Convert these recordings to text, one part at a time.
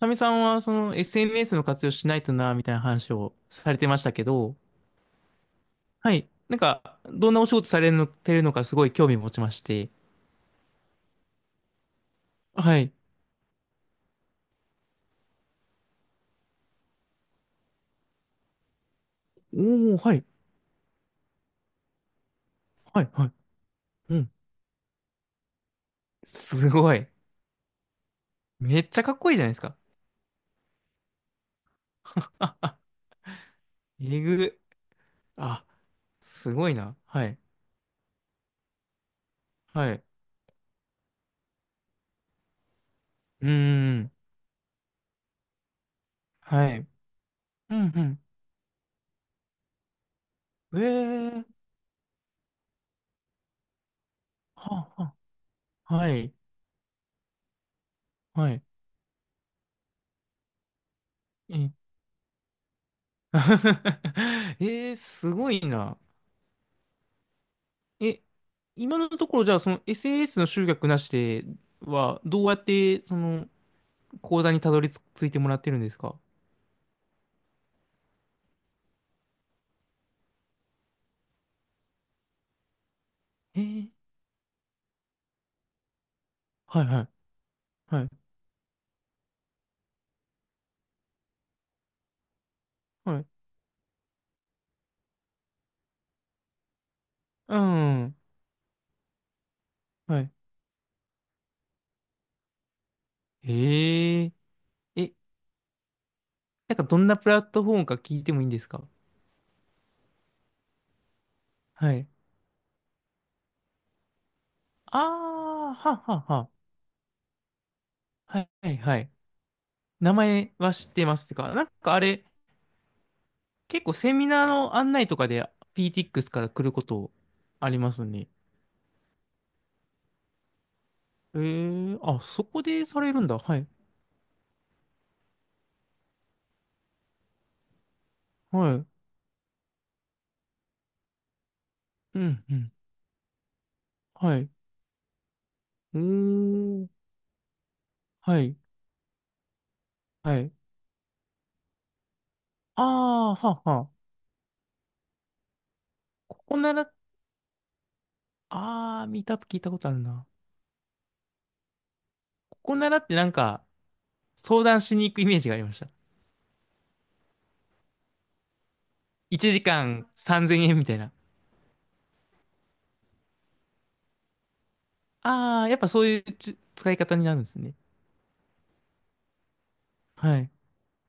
サミさんはその SNS の活用しないとな、みたいな話をされてましたけど、はい。なんか、どんなお仕事されるのてるのかすごい興味持ちまして。はい。おー、はい。はい、はい。うん。すごい。めっちゃかっこいいじゃないですか。えぐ。あ、すごいな。はい。はい。うーん。はい。うん、うん。えー。はあはあ、はい。はい。え。 えー、すごいな。え、今のところじゃあその s n s の集客なしではどうやってその講座にたどり着いてもらってるんですか？えー、はいはいはいはい。うん。はい。へえ。え、なんかどんなプラットフォームか聞いてもいいんですか？はい。ああ、ははは。はいはいはい。名前は知ってますってか。なんかあれ、結構セミナーの案内とかで PTX から来ることありますね。えー、あ、そこでされるんだ。はい。はい。うん、うん。はい。うーん。はい。はい。ああ、はあはあ。ここなら、ああ、ミートアップ聞いたことあるな。ここならってなんか、相談しに行くイメージがありました。1時間3000円みたいな。ああ、やっぱそういうつ使い方になるんですね。はい。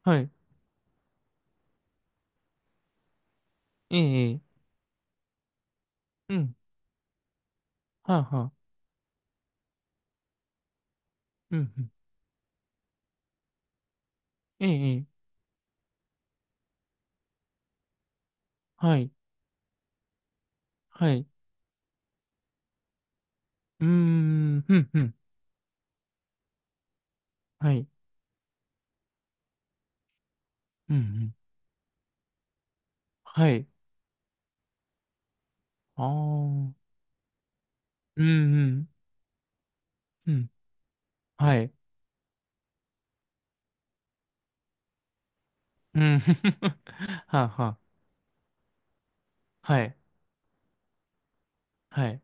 はい。ええ、ええ、うん。はあはあ。うん、うん。ええ、ええ、はい。はい。うーん、うん、うん。はい。うん、うん。はい。ああ。うん、うん。うん。はい。うん。はあはあ。はい。はい。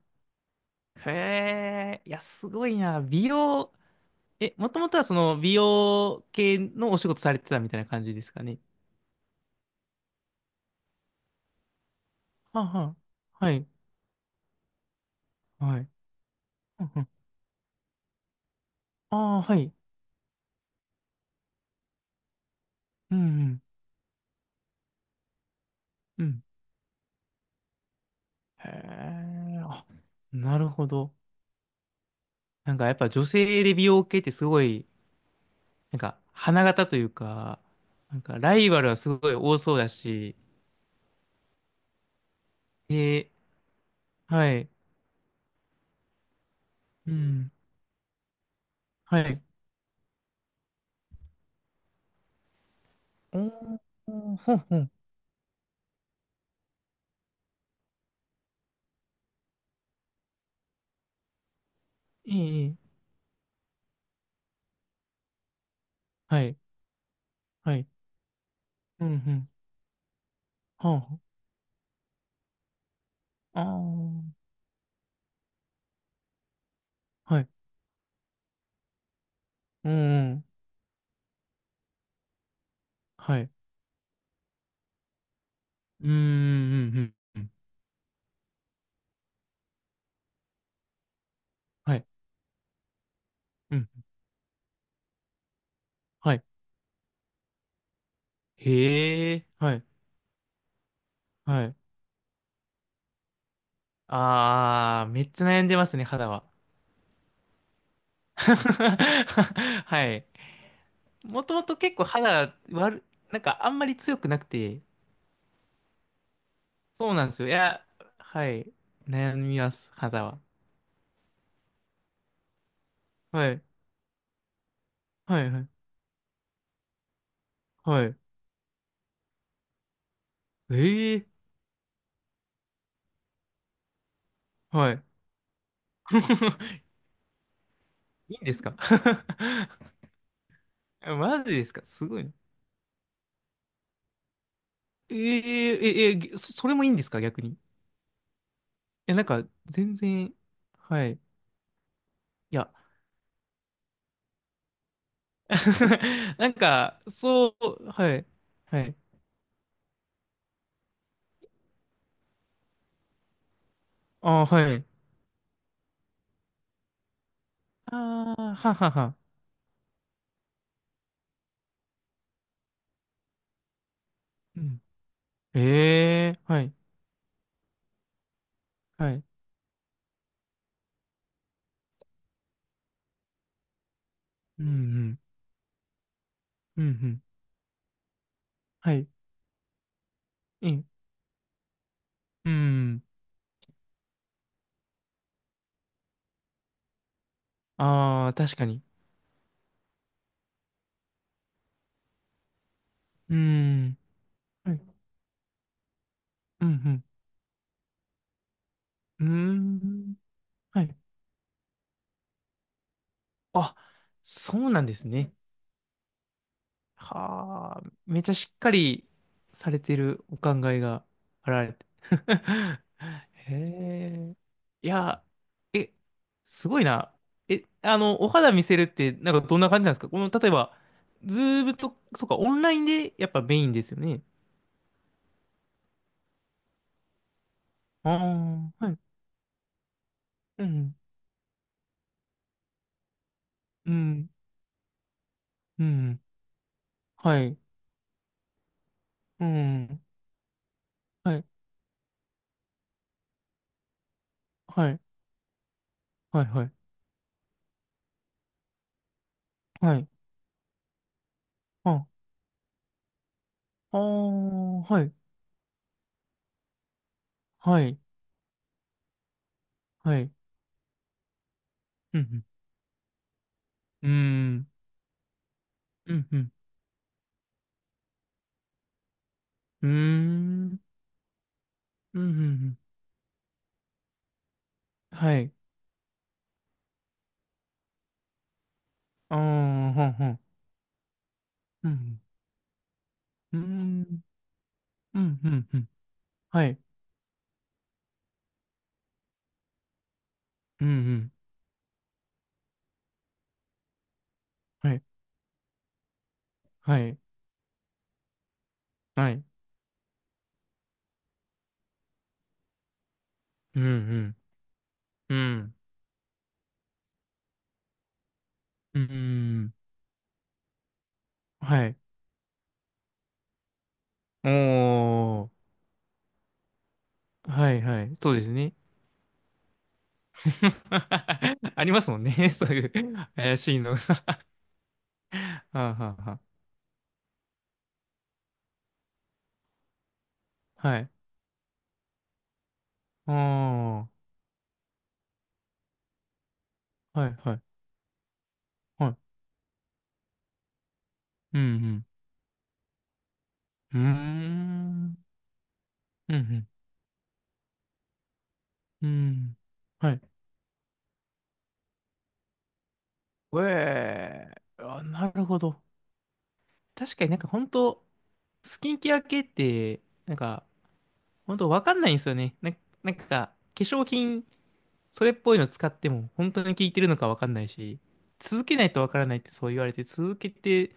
へえ、いや、すごいな。美容、え、もともとはその美容系のお仕事されてたみたいな感じですかね？はあはあ。はい。はい。ああー、はい。うん、うん。うん。へえ、あ、なるほど。なんかやっぱ女性で美容系ってすごい、なんか花形というか、なんかライバルはすごい多そうだし、え。はい。うん。はい。おー、ほんほん、ええ、いい、はい、はい、うん、うん、はあ、ああ、はい、うん、うん、はい、うん、うん、うん、うん、はい、うん、はい、へえ、はい、はい。ああ、めっちゃ悩んでますね、肌は。はい。もともと結構肌悪、なんかあんまり強くなくて、そうなんですよ。いや、はい、悩みます、肌は。はい、はい、はい、はい。ええ、はい。いいんですか？ あ、マジですか、すごいな。えー、え、え、ぎそ、それもいいんですか逆に。いや、なんか、全然、はい。いや、なんか、そう、はい。はい。あー、はい。ああ、ははは。うん。ええー、はい。はい。うん、うん。うん、うん。はい。うん。うん。ああ、確かに。うん。はい。うん、うん。うーん。はい。あ、そうなんですね。はあ、めちゃしっかりされてるお考えがあられて。へえ。いや、え、すごいな。え、あの、お肌見せるって、なんかどんな感じなんですか？この、例えば、ズームと、そうか、オンラインでやっぱメインですよね。ああ、はい。うん、うん、うん、はい、うん、はい、はい、はい、はい、はい、あ、ああ、はい、はい、はい、うん、うん、うん、うん、うん、うーん。うんうんうん。はい。ああ、ほんほん。うん。うーん。うん、うん、うん。はい。うん、うん。はい。はい。はい。うん、うん。うん。うん。はい。おー。はい、はい。そうですね。ありますもんね。そういう怪しいのが。はあ、はあ、はあ。はい。ああ。はい、はい。はい。うん、うん。うーん。うん、うん。うん。はい、ええ、あ、なるほど。確かになんか本当スキンケア系って、なんか、本当わかんないんですよね。な、なんか、化粧品、それっぽいの使っても、本当に効いてるのかわかんないし、続けないとわからないってそう言われて、続けて、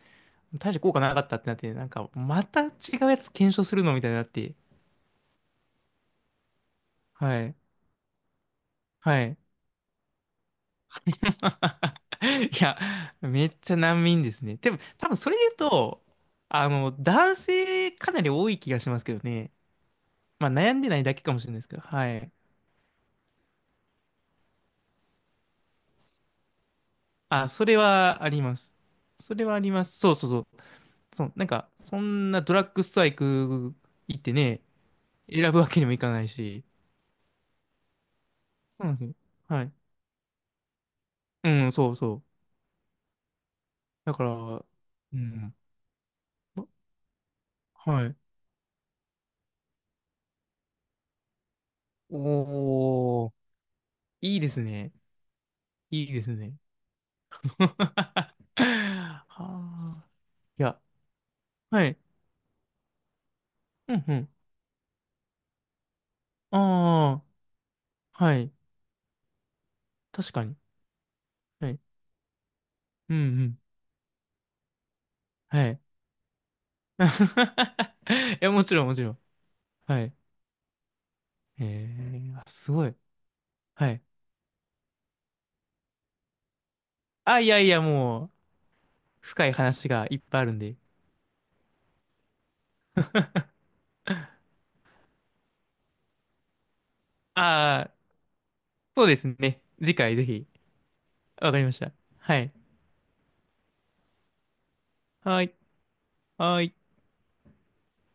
大して効果なかったってなって、なんか、また違うやつ検証するのみたいになって、はい、はい。いや、めっちゃ難民ですね。でも、多分それで言うと、あの、男性かなり多い気がしますけどね。まあ悩んでないだけかもしれないですけど、はい。あ、それはあります。それはあります。そうそうそう。そう、なんか、そんなドラッグストア行く、行ってね、選ぶわけにもいかないし。そうなんですよ。はい。うん、そうそう。だから、うん。ま、はい。おー、いいですね。いいですね。はあ。いや、はい。うんうん。ああ、はい。確かに。はい。うんうん。はい。いや、もちろん、もちろん。はい。えー、あ、すごい。はい。あ、いやいや、もう、深い話がいっぱいあるんで。ああ、そうですね。次回ぜひ。わかりました。はい。はい。はい。